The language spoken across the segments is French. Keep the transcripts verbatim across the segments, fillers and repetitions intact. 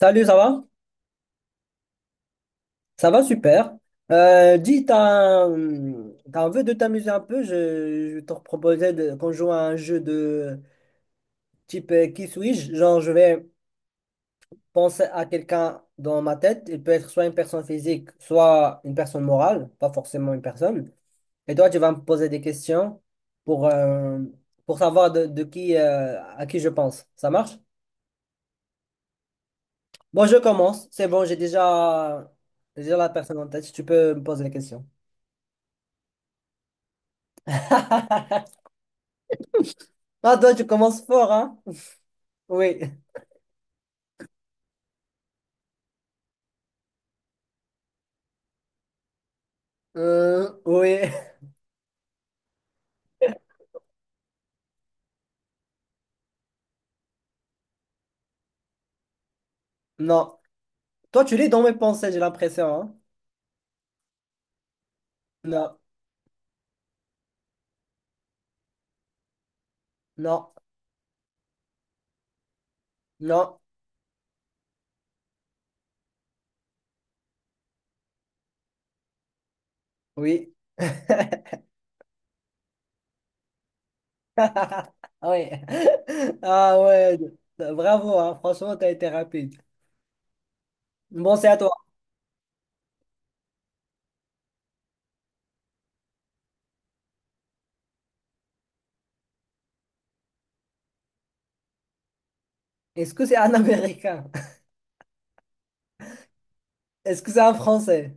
Salut, ça va? Ça va super. Euh, dis, t'as un, t'as envie de t'amuser un peu? Je, je te proposais de- qu'on joue à un jeu de type euh, qui suis-je? Genre, je vais penser à quelqu'un dans ma tête. Il peut être soit une personne physique, soit une personne morale, pas forcément une personne. Et toi, tu vas me poser des questions pour, euh, pour savoir de, de qui, euh, à qui je pense. Ça marche? Bon, je commence. C'est bon, j'ai déjà, J'ai déjà la personne en tête. Tu peux me poser les questions. Ah, toi, tu commences fort, hein? Oui. Euh, oui. Non. Toi, tu lis dans mes pensées, j'ai l'impression, hein? Non. Non. Non. Oui. Ah, oui. Ah ouais. Bravo, hein. Franchement, t'as été rapide. Bon, c'est à toi. Est-ce que c'est un Américain? Est-ce que c'est un Français?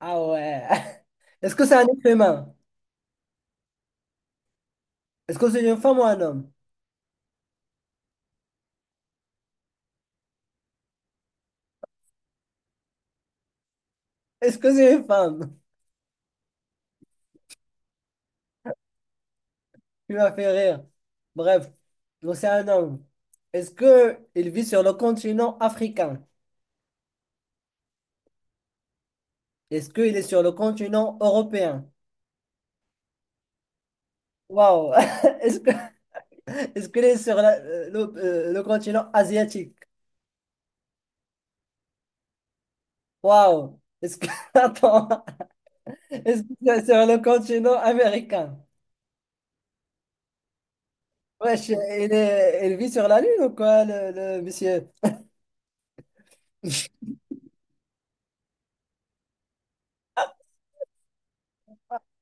Ah ouais. Est-ce que c'est un être humain? Est-ce que c'est une femme ou un homme? Est-ce que c'est une femme? Tu m'as fait rire. Bref, c'est un homme. Est-ce que il vit sur le continent africain? Est-ce qu'il est sur le continent européen? Waouh! Est-ce que est-ce qu'il est sur la- euh, le, euh, le continent asiatique? Waouh! Est-ce que attends, est-ce que c'est sur le continent américain? Wesh, il est, il vit sur la Lune ou quoi, le, le monsieur?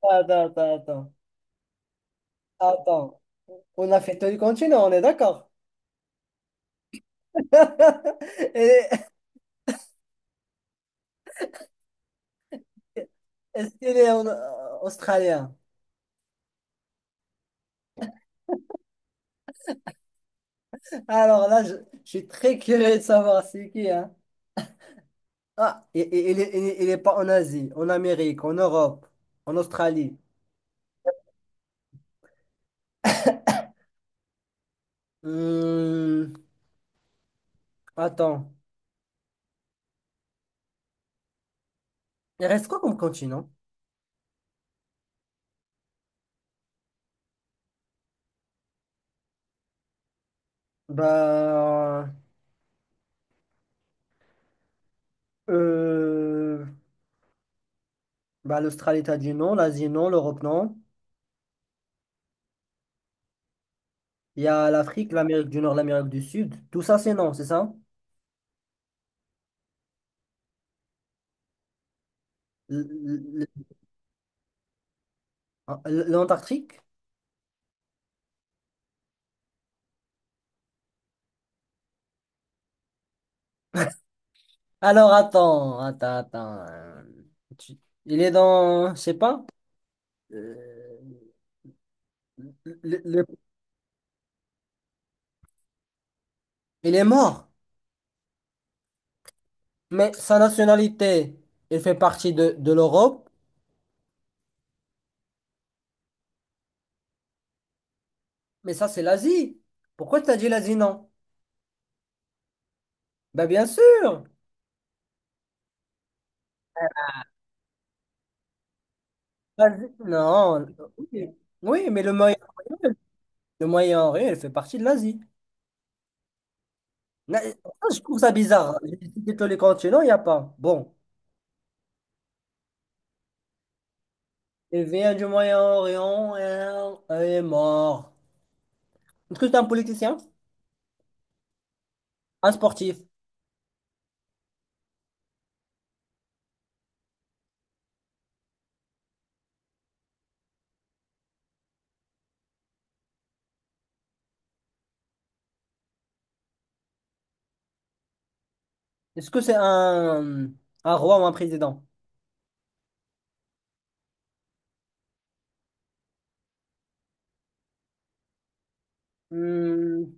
Attends, attends, attends. Attends. On a fait tout le continent, on est d'accord? Et- Est-ce qu'il est en- euh, australien? Alors là, je, je suis très curieux de savoir c'est qui, hein? Ah, et, et- il est, il est- il est pas en Asie, en Amérique, en Europe, en Australie. Hmm, attends. Il reste quoi comme continent? Bah, euh, bah l'Australie, t'as dit non, l'Asie, non, l'Europe, non. Il y a l'Afrique, l'Amérique du Nord, l'Amérique du Sud. Tout ça, c'est non, c'est ça? L- l- l- L'Antarctique? Alors attends, attends, attends. euh, tu- Il est dans, je sais pas. euh, le- le- Il est mort. Mais sa nationalité, il fait partie de, de l'Europe. Mais ça, c'est l'Asie. Pourquoi tu as dit l'Asie, non? Ben bien sûr. L'Asie- Non. Oui, oui, mais le Moyen-Orient, le Moyen-Orient, il fait partie de l'Asie. Na- ça, je trouve ça bizarre, hein. J'ai cité tous les continents, il n'y a pas. Bon. Il vient du Moyen-Orient, et il est mort. Est-ce que c'est un politicien? Un sportif. Est-ce que c'est un, un roi ou un président? Hmm,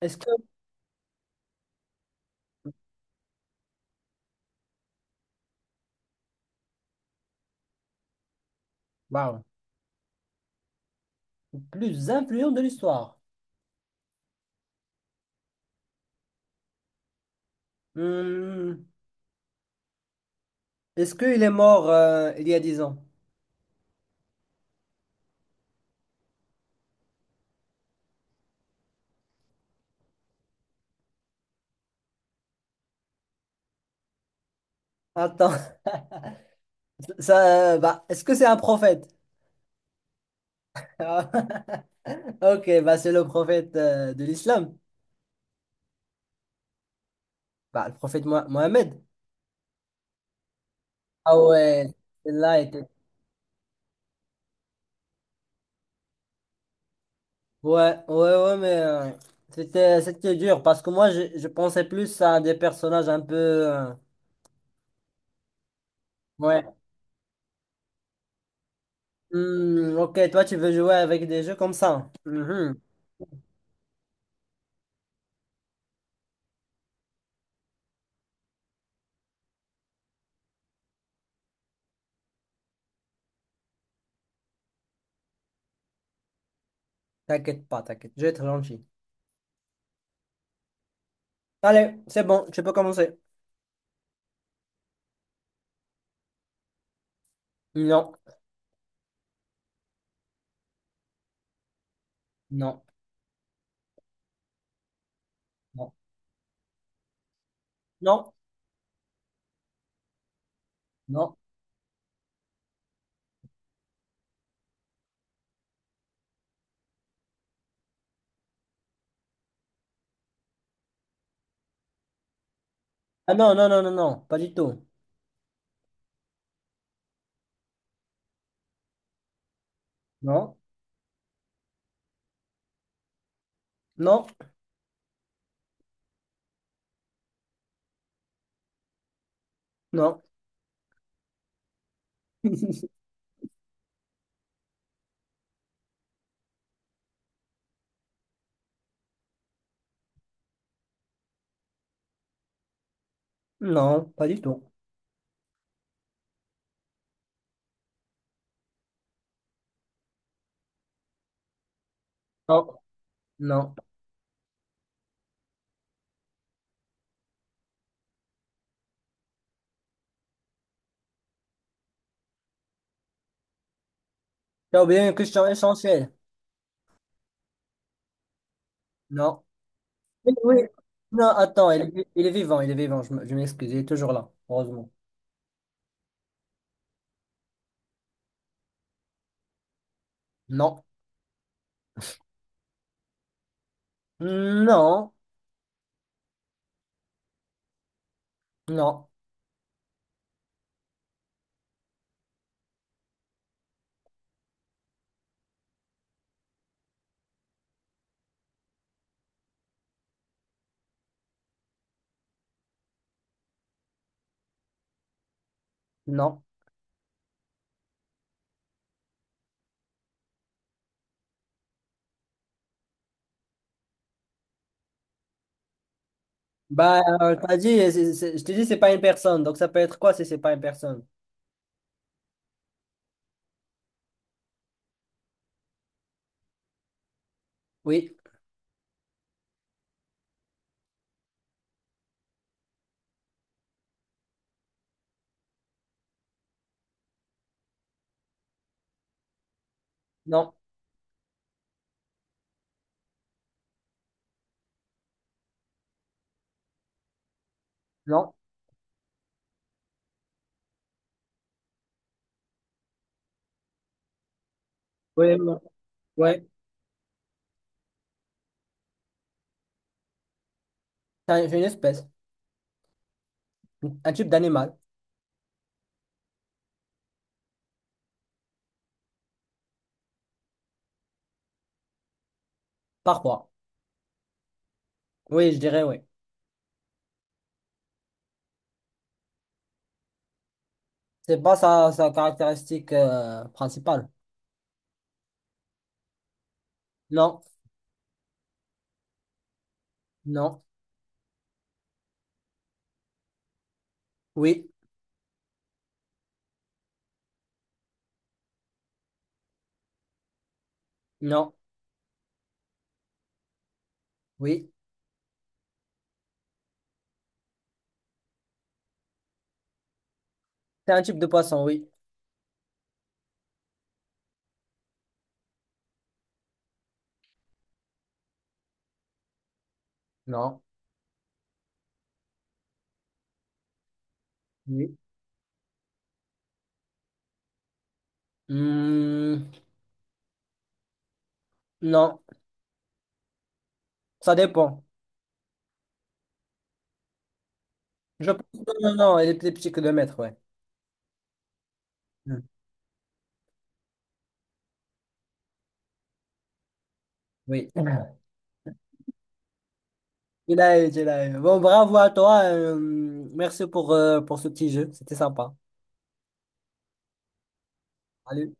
Est-ce que... Waouh. Le plus influent de l'histoire. Hmm, Est-ce qu'il est mort euh, il y a dix ans? Attends. Ça, euh, bah, est-ce que c'est un prophète? Ah, ok, bah, c'est le prophète euh, de l'islam. Bah, le prophète Moha- Mohamed. Ah ouais, là était. Ouais, ouais, ouais, mais euh, c'était c'était dur parce que moi je, je pensais plus à des personnages un peu. euh, ouais. Hmm, ok, toi tu veux jouer avec des jeux comme ça. Mhm. T'inquiète pas, t'inquiète, je vais être gentil. Allez, c'est bon, tu peux commencer. Non, non, non, non, non. Ah non, non, non, non, non, pas du tout. Non, non, non, non, pas du tout. Non, non. T'as oublié une question essentielle. Non. Oui, oui. Non, attends, il est, vi- il est vivant, il est vivant, je m- je m'excuse, il est toujours là, heureusement. Non, non, non, non. Bah, euh, t'as dit, euh, c'est- c'est- je t'ai dit, c'est pas une personne. Donc, ça peut être quoi si c'est pas une personne? Oui, non, non. Oui, non. Ouais. C'est une espèce, un type d'animal, parfois. Oui, je dirais oui. C'est pas sa, sa caractéristique euh, principale. Non, non, oui, non, oui. C'est un type de poisson, oui. Non, oui. Hmm, non, ça dépend. Je pense que non, non, non, il est plus petit que deux mètres, ouais. Hmm. Oui. Il a eu, il a eu. Bon, bravo à toi. euh, merci pour, euh, pour ce petit jeu. C'était sympa. Salut.